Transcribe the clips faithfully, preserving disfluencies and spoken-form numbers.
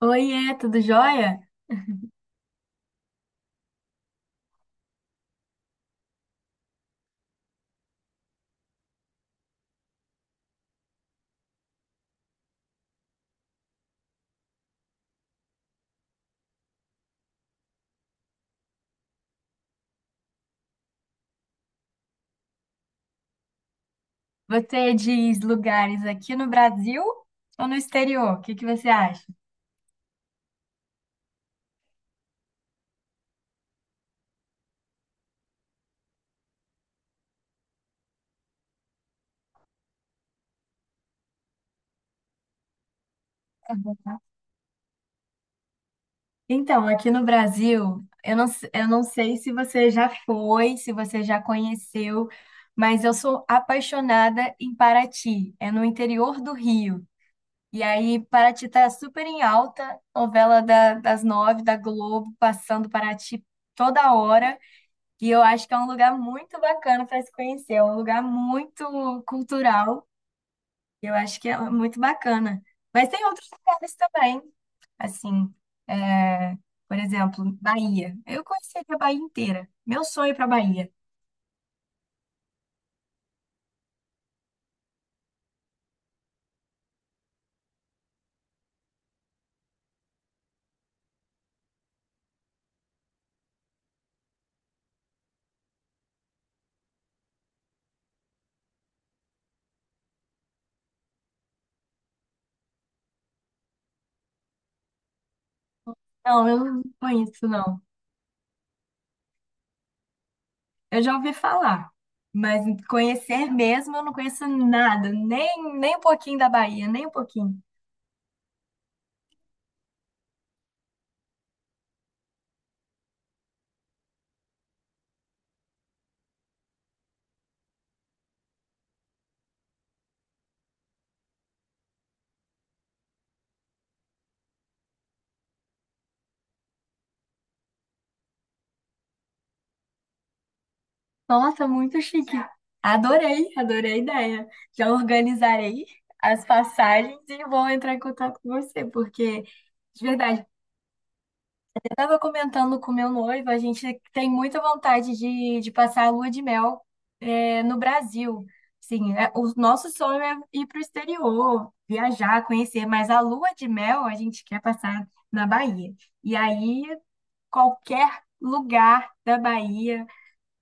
Oiê, tudo jóia? Você diz lugares aqui no Brasil ou no exterior? O que que você acha? Então, aqui no Brasil, eu não, se- eu não sei se você já foi, se você já conheceu, mas eu sou apaixonada em Paraty, é no interior do Rio. E aí, Paraty tá super em alta, novela da- das nove da Globo, passando Paraty toda hora. E eu acho que é um lugar muito bacana para se conhecer, é um lugar muito cultural. Eu acho que é muito bacana. Mas tem outros lugares também, assim, é, por exemplo, Bahia. Eu conheceria a Bahia inteira. Meu sonho é para Bahia. Não, eu não conheço, não. Eu já ouvi falar, mas conhecer mesmo eu não conheço nada, nem, nem um pouquinho da Bahia, nem um pouquinho. Nossa, muito chique. Adorei, adorei a ideia. Já organizarei as passagens e vou entrar em contato com você, porque, de verdade, eu estava comentando com meu noivo, a gente tem muita vontade de, de passar a lua de mel, é, no Brasil. Sim, é- o nosso sonho é ir para o exterior, viajar, conhecer, mas a lua de mel a gente quer passar na Bahia. E aí, qualquer lugar da Bahia,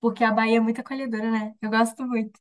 porque a Bahia é muito acolhedora, né? Eu gosto muito.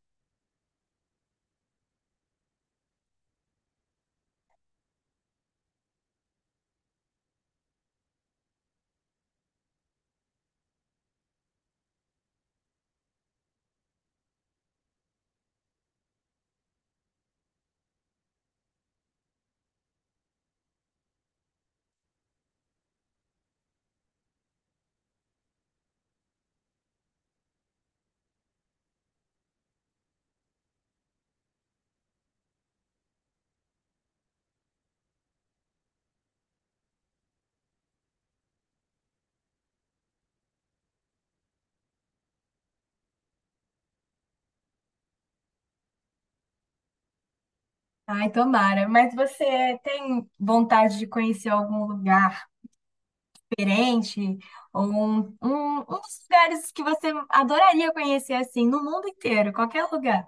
Ai, tomara. Mas você tem vontade de conhecer algum lugar diferente? Ou um, um, um dos lugares que você adoraria conhecer, assim, no mundo inteiro, qualquer lugar?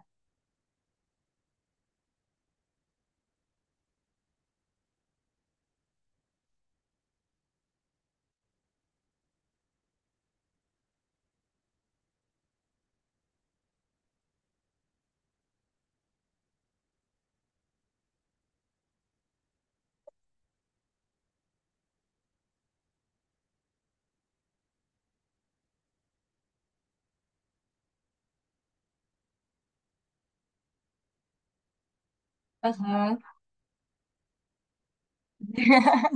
Aham.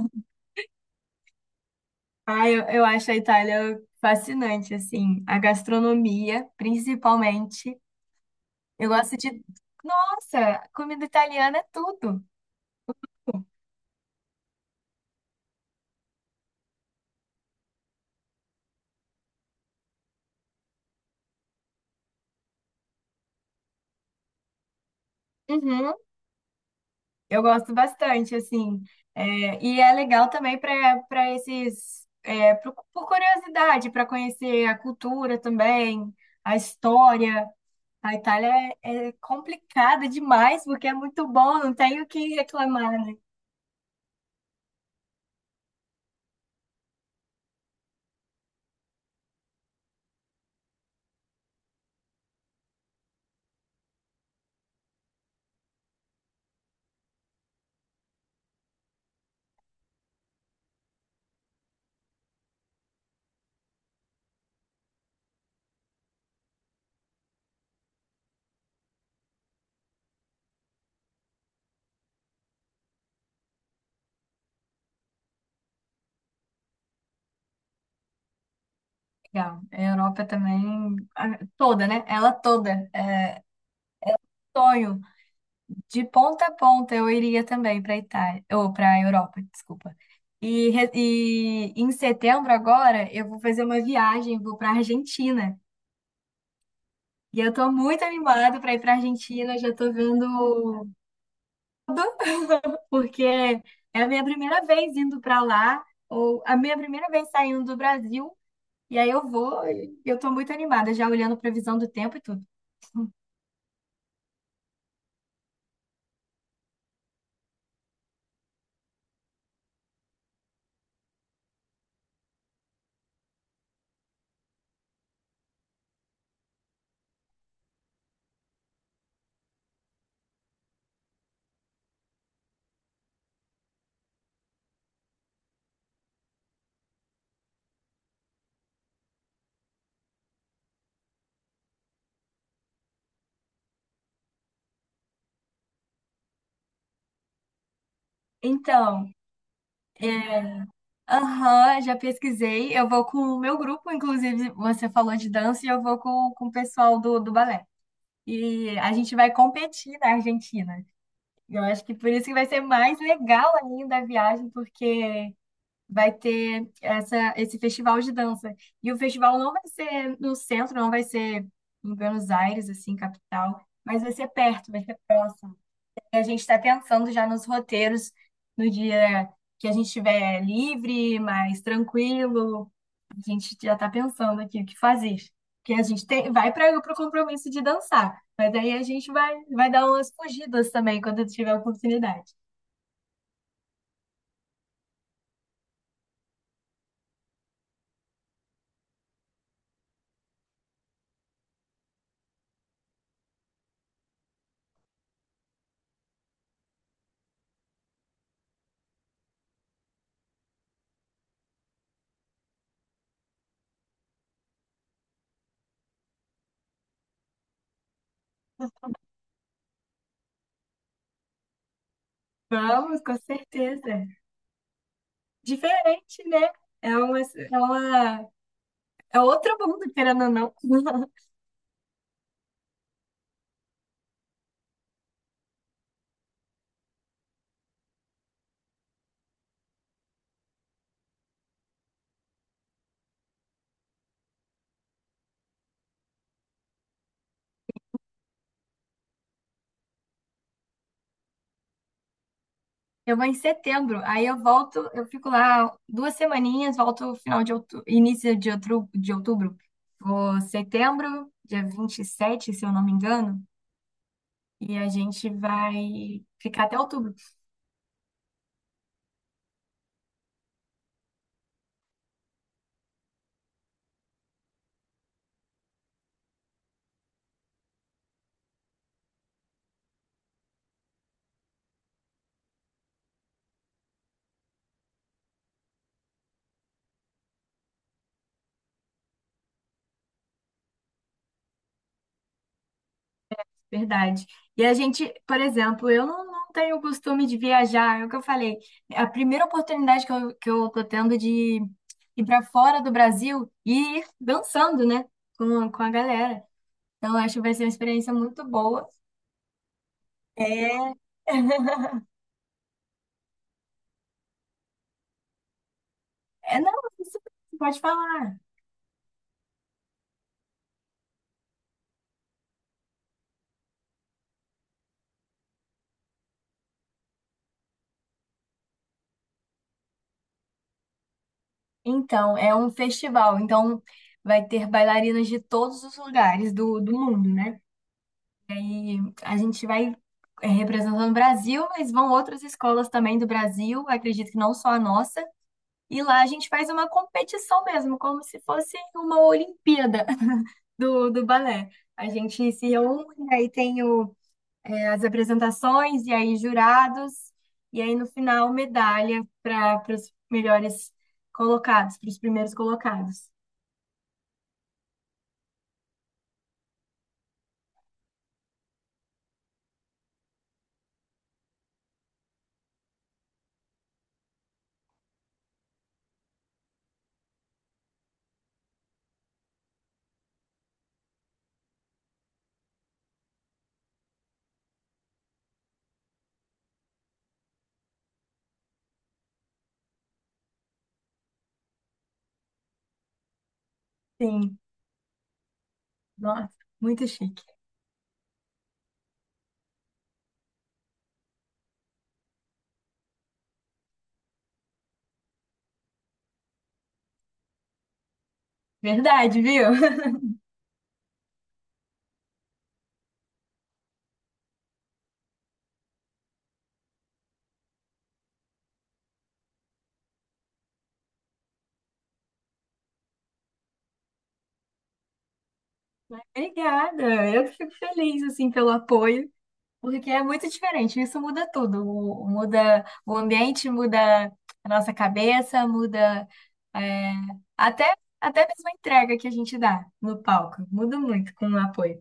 Ai, eu, eu acho a Itália fascinante, assim. A gastronomia, principalmente. Eu gosto de... Nossa, comida italiana é tudo. Uhum. Eu gosto bastante, assim. É, e é legal também para para esses, é, pro- por curiosidade, para conhecer a cultura também, a história. A Itália é, é complicada demais, porque é muito bom, não tenho o que reclamar, né? Legal. A Europa também, a- toda, né? Ela toda. É sonho. De ponta a ponta eu iria também para Itália, ou para Europa, desculpa. E, re- e em setembro agora eu vou fazer uma viagem, vou para Argentina. E eu tô muito animada para ir para Argentina, já tô vendo tudo, porque é a minha primeira vez indo para lá, ou a minha primeira vez saindo do Brasil, e aí eu vou, e eu tô muito animada, já olhando previsão do tempo e tudo. Então, é, aham, já pesquisei, eu vou com o meu grupo, inclusive, você falou de dança, e eu vou com, com o pessoal do, do balé. E a gente vai competir na Argentina. Eu acho que por isso que vai ser mais legal ainda a viagem, porque vai ter essa, esse festival de dança. E o festival não vai ser no centro, não vai ser em Buenos Aires, assim, capital, mas vai ser perto, vai ser próximo. E a gente está pensando já nos roteiros no dia que a gente estiver livre, mais tranquilo. A gente já está pensando aqui o que fazer. Porque a gente tem, vai para o compromisso de dançar, mas aí a gente vai, vai dar umas fugidas também quando tiver oportunidade. Vamos, com certeza. Diferente, né? É uma, é uma, É outro mundo, querendo ou não. Eu vou em setembro, aí eu volto, eu fico lá duas semaninhas, volto final de outubro, início de outubro, de outubro. Vou setembro, dia vinte e sete se eu não me engano, e a gente vai ficar até outubro. Verdade. E a gente, por exemplo, eu não, não tenho o costume de viajar, é o que eu falei. A primeira oportunidade que eu, que eu tô tendo de ir para fora do Brasil e ir dançando, né, com, a- com a galera. Então, eu acho que vai ser uma experiência muito boa. É, é não, é isso, pode falar. Então, é um festival, então vai ter bailarinas de todos os lugares do, do mundo, né? E a gente vai é, representando o Brasil, mas vão outras escolas também do Brasil, acredito que não só a nossa. E lá a gente faz uma competição mesmo, como se fosse uma Olimpíada do, do balé. A gente se reúne, aí tem o, é, as apresentações, e aí jurados, e aí no final medalha para os melhores colocados, para os primeiros colocados. Sim, nossa, muito chique. Verdade, viu? Obrigada, eu que fico feliz assim pelo apoio. Porque é muito diferente, isso muda tudo. O- Muda o ambiente, muda a nossa cabeça, muda é, até, até mesmo a entrega que a gente dá no palco. Muda muito com o apoio.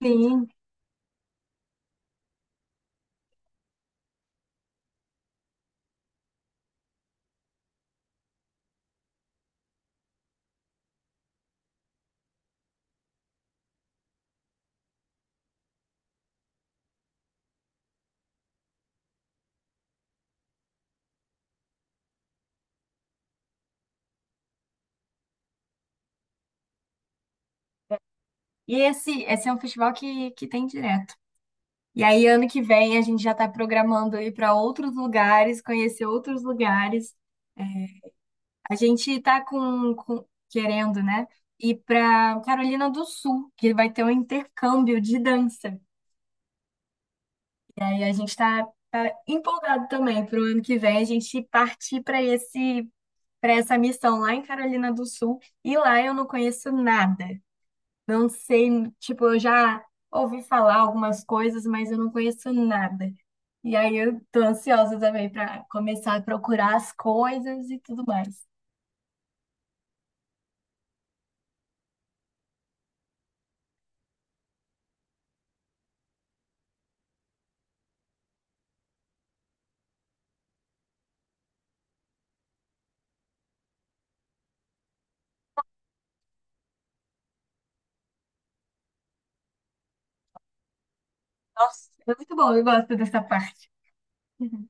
Sim. E esse, esse é um festival que, que tem direto. E aí, ano que vem, a gente já está programando ir para outros lugares, conhecer outros lugares. É, a gente está com, com- querendo, né? Ir para Carolina do Sul, que vai ter um intercâmbio de dança, né? E aí a gente está empolgado também para o ano que vem a gente partir para esse para essa missão lá em Carolina do Sul. E lá eu não conheço nada. Não sei, tipo, eu já ouvi falar algumas coisas, mas eu não conheço nada. E aí eu tô ansiosa também para começar a procurar as coisas e tudo mais. Nossa, é muito bom, eu gosto dessa parte.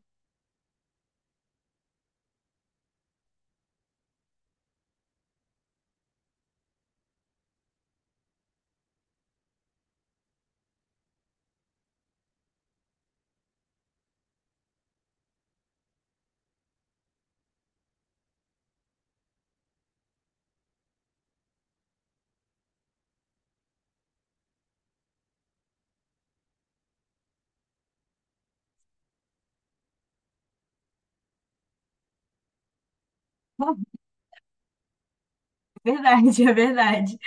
É verdade, é verdade.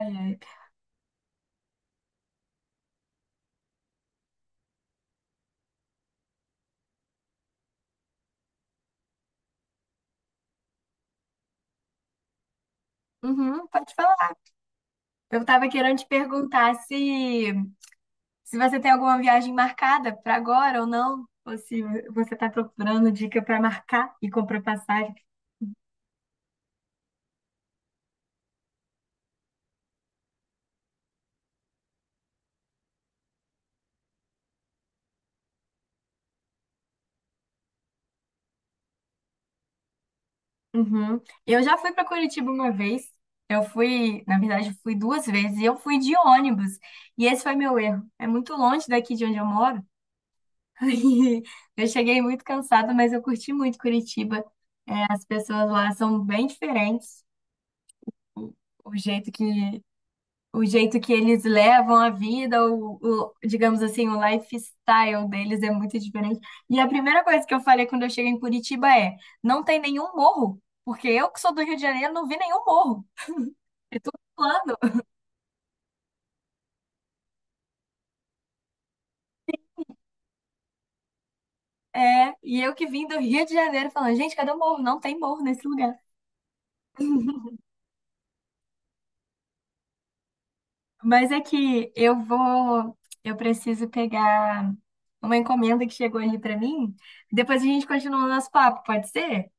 Ai, ai. Uhum, pode falar. Eu tava querendo te perguntar se Se você tem alguma viagem marcada para agora ou não, ou se você está procurando dica para marcar e comprar passagem. Uhum. Eu já fui para Curitiba uma vez. Eu fui, na verdade, eu fui duas vezes e eu fui de ônibus. E esse foi meu erro. É muito longe daqui de onde eu moro. Eu cheguei muito cansada, mas eu curti muito Curitiba. As pessoas lá são bem diferentes. O, o jeito que, o jeito que eles levam a vida, o, o- digamos assim, o lifestyle deles é muito diferente. E a primeira coisa que eu falei quando eu cheguei em Curitiba é: não tem nenhum morro, porque eu que sou do Rio de Janeiro não vi nenhum morro. É tudo plano. É, e eu que vim do Rio de Janeiro falando, gente, cadê o morro? Não tem morro nesse lugar. Mas é que eu vou, eu preciso pegar uma encomenda que chegou ali pra mim. Depois a gente continua o nosso papo, pode ser?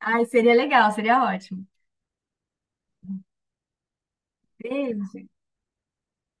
Ai, seria legal, seria ótimo. Beijo.